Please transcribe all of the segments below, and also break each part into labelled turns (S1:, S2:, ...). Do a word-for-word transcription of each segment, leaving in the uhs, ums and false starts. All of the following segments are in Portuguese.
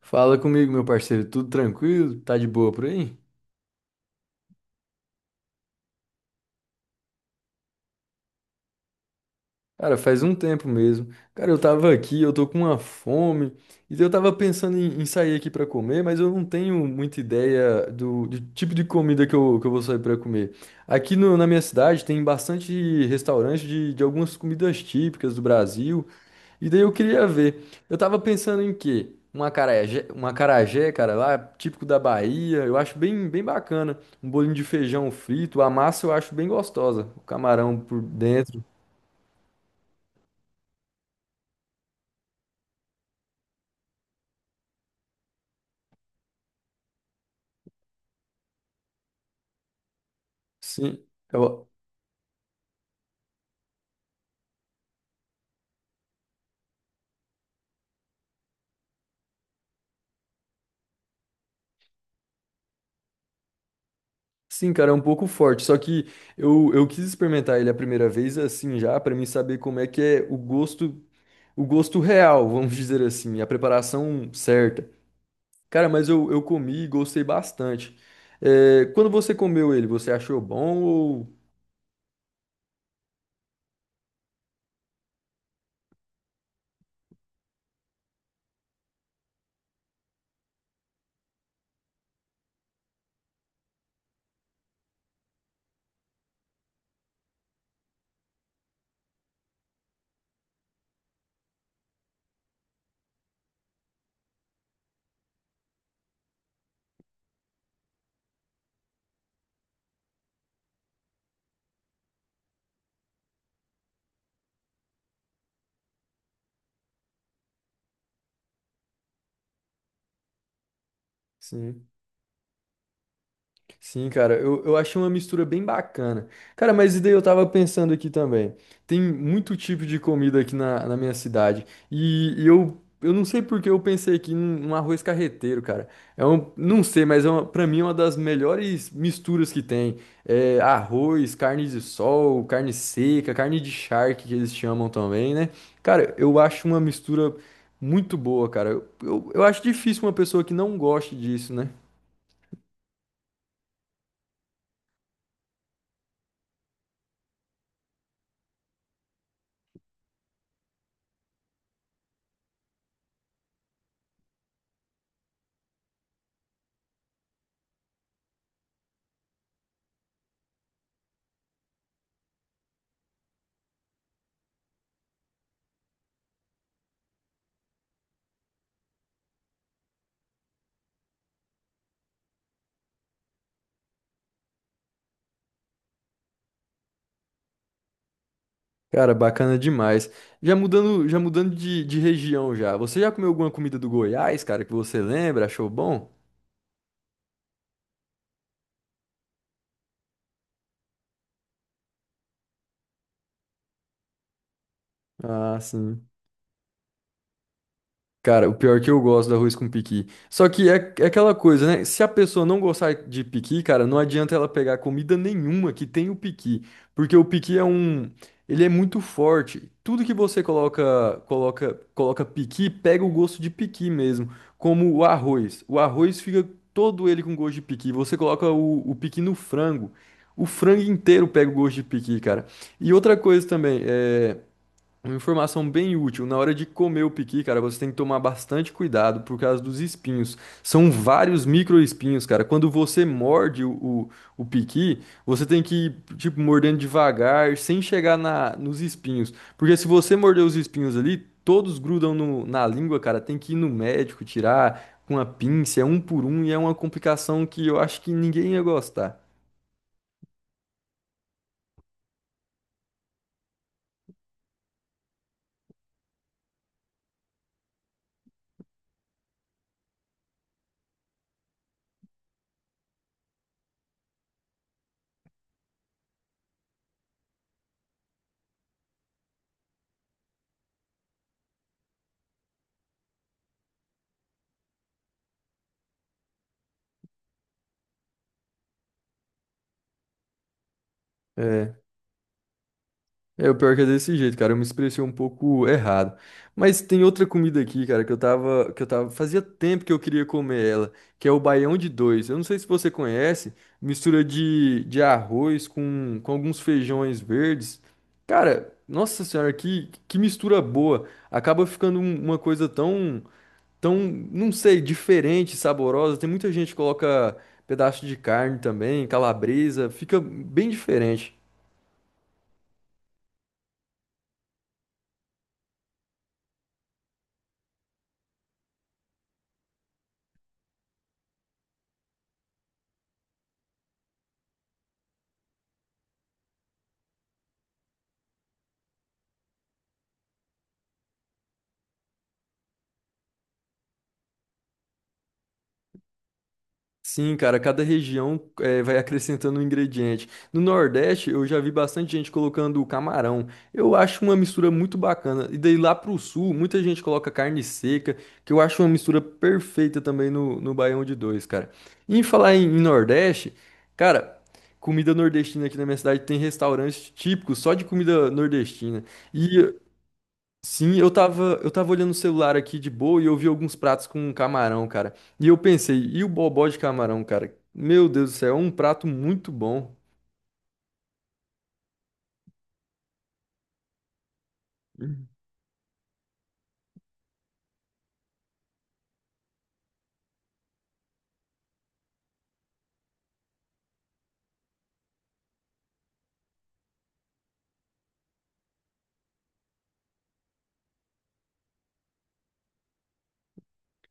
S1: Fala comigo, meu parceiro, tudo tranquilo? Tá de boa por aí? Cara, faz um tempo mesmo. Cara, eu tava aqui, eu tô com uma fome, e eu tava pensando em, em sair aqui pra comer, mas eu não tenho muita ideia do, do tipo de comida que eu, que eu vou sair pra comer. Aqui no- na minha cidade tem bastante restaurante de, de algumas comidas típicas do Brasil. E daí eu queria ver. Eu tava pensando em quê? Um acarajé, um acarajé, cara, lá, típico da Bahia. Eu acho bem, bem bacana. Um bolinho de feijão frito. A massa eu acho bem gostosa. O camarão por dentro. Sim, eu- sim, cara, é um pouco forte. Só que eu, eu quis experimentar ele a primeira vez assim já, pra mim saber como é que é o gosto, o gosto real, vamos dizer assim, a preparação certa. Cara, mas eu, eu comi e gostei bastante. É, quando você comeu ele, você achou bom ou. Sim, sim, cara, eu, eu achei uma mistura bem bacana. Cara, mas e daí eu tava pensando aqui também. Tem muito tipo de comida aqui na, na minha cidade. E, e eu, eu não sei por que eu pensei aqui num, num arroz carreteiro, cara. É um, não sei, mas é uma, pra mim é uma das melhores misturas que tem. É arroz, carne de sol, carne seca, carne de charque que eles chamam também, né? Cara, eu acho uma mistura muito boa, cara. Eu, eu, eu acho difícil uma pessoa que não goste disso, né? Cara, bacana demais. Já mudando, já mudando de, de região já. Você já comeu alguma comida do Goiás, cara, que você lembra? Achou bom? Ah, sim. Cara, o pior é que eu gosto do arroz com piqui. Só que é, é aquela coisa, né? Se a pessoa não gostar de piqui, cara, não adianta ela pegar comida nenhuma que tem o piqui, porque o piqui é um, ele é muito forte. Tudo que você coloca, coloca, coloca piqui, pega o gosto de piqui mesmo, como o arroz. O arroz fica todo ele com gosto de piqui. Você coloca o, o piqui no frango, o frango inteiro pega o gosto de piqui, cara. E outra coisa também, é uma informação bem útil. Na hora de comer o piqui, cara, você tem que tomar bastante cuidado por causa dos espinhos. São vários microespinhos, cara. Quando você morde o, o, o piqui, você tem que ir, tipo, mordendo devagar, sem chegar na, nos espinhos. Porque se você morder os espinhos ali, todos grudam no- na língua, cara. Tem que ir no médico, tirar com a pinça, é um por um, e é uma complicação que eu acho que ninguém ia gostar. É. É, o pior que é desse jeito, cara. Eu me expressei um pouco errado. Mas tem outra comida aqui, cara, que eu tava, que eu tava, fazia tempo que eu queria comer ela, que é o baião de dois. Eu não sei se você conhece, mistura de, de arroz com, com alguns feijões verdes. Cara, nossa senhora, que, que mistura boa. Acaba ficando um- uma coisa tão, tão, não sei, diferente, saborosa. Tem muita gente que coloca pedaço de carne também, calabresa, fica bem diferente. Sim, cara, cada região eh, vai acrescentando um ingrediente. No Nordeste, eu já vi bastante gente colocando o camarão. Eu acho uma mistura muito bacana. E daí lá pro Sul, muita gente coloca carne seca, que eu acho uma mistura perfeita também no, no Baião de Dois, cara. E em falar em, em Nordeste, cara, comida nordestina aqui na minha cidade tem restaurantes típicos só de comida nordestina. E sim, eu tava, eu tava olhando o celular aqui de boa e eu vi alguns pratos com camarão, cara. E eu pensei, e o bobó de camarão, cara? Meu Deus do céu, é um prato muito bom. Uhum.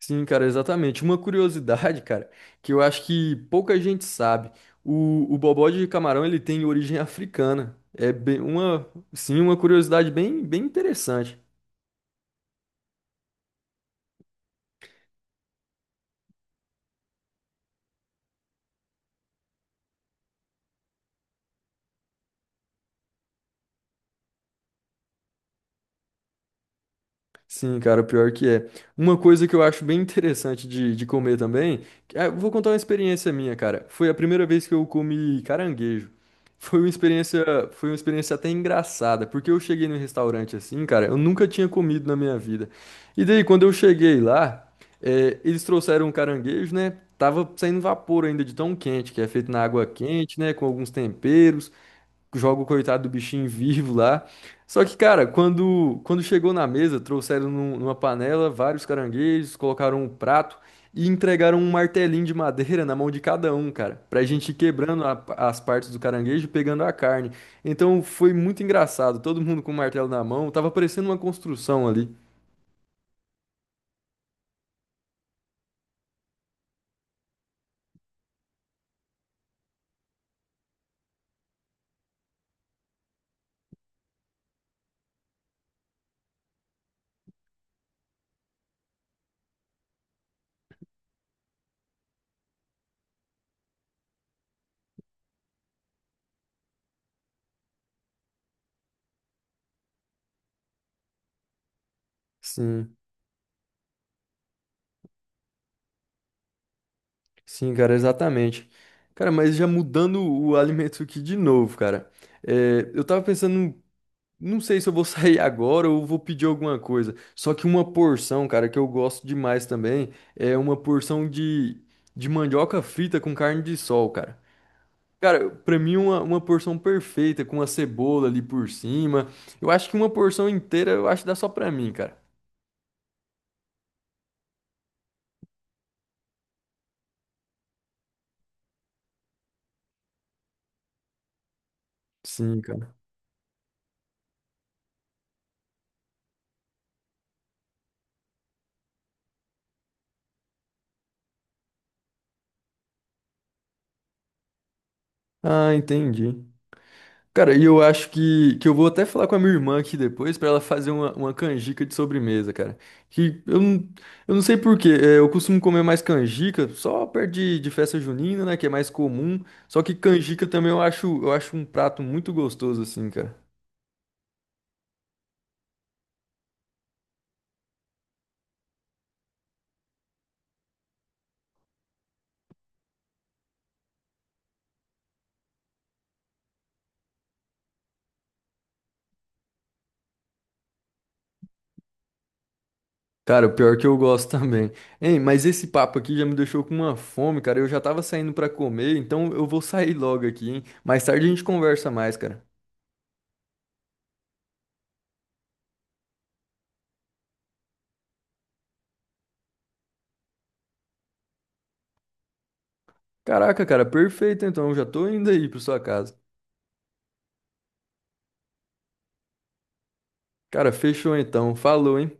S1: Sim, cara, exatamente. Uma curiosidade, cara, que eu acho que pouca gente sabe. O, o bobó de camarão, ele tem origem africana. É bem, uma, sim, uma curiosidade bem, bem interessante. Sim, cara, pior que é. Uma coisa que eu acho bem interessante de, de comer também, que- ah, eu vou contar uma experiência minha, cara. Foi a primeira vez que eu comi caranguejo. Foi uma experiência, foi uma experiência até engraçada, porque eu cheguei no restaurante assim, cara, eu nunca tinha comido na minha vida. E daí, quando eu cheguei lá, eh, eles trouxeram um caranguejo, né? Tava saindo vapor ainda de tão quente, que é feito na água quente, né? Com alguns temperos joga o coitado do bichinho vivo lá. Só que, cara, quando, quando chegou na mesa, trouxeram num- numa panela vários caranguejos, colocaram um prato e entregaram um martelinho de madeira na mão de cada um, cara, pra gente ir quebrando a- as partes do caranguejo e pegando a carne. Então foi muito engraçado, todo mundo com o martelo na mão, tava parecendo uma construção ali. Sim, sim, cara, exatamente. Cara, mas já mudando o alimento aqui de novo, cara. É, eu tava pensando. Não sei se eu vou sair agora ou vou pedir alguma coisa. Só que uma porção, cara, que eu gosto demais também, é uma porção de, de mandioca frita com carne de sol, cara. Cara, pra mim uma, uma porção perfeita, com a cebola ali por cima. Eu acho que uma porção inteira, eu acho que dá só pra mim, cara. Sim, cara. Ah, entendi. Cara, e eu acho que, que eu vou até falar com a minha irmã aqui depois pra ela fazer uma, uma canjica de sobremesa, cara. Que eu não, eu não sei por quê, é, eu costumo comer mais canjica só perto de, de festa junina, né, que é mais comum. Só que canjica também eu acho, eu acho um prato muito gostoso assim, cara. Cara, o pior que eu gosto também. Hein, mas esse papo aqui já me deixou com uma fome, cara. Eu já tava saindo pra comer, então eu vou sair logo aqui, hein? Mais tarde a gente conversa mais, cara. Caraca, cara, perfeito então. Eu já tô indo aí pra sua casa. Cara, fechou então. Falou, hein?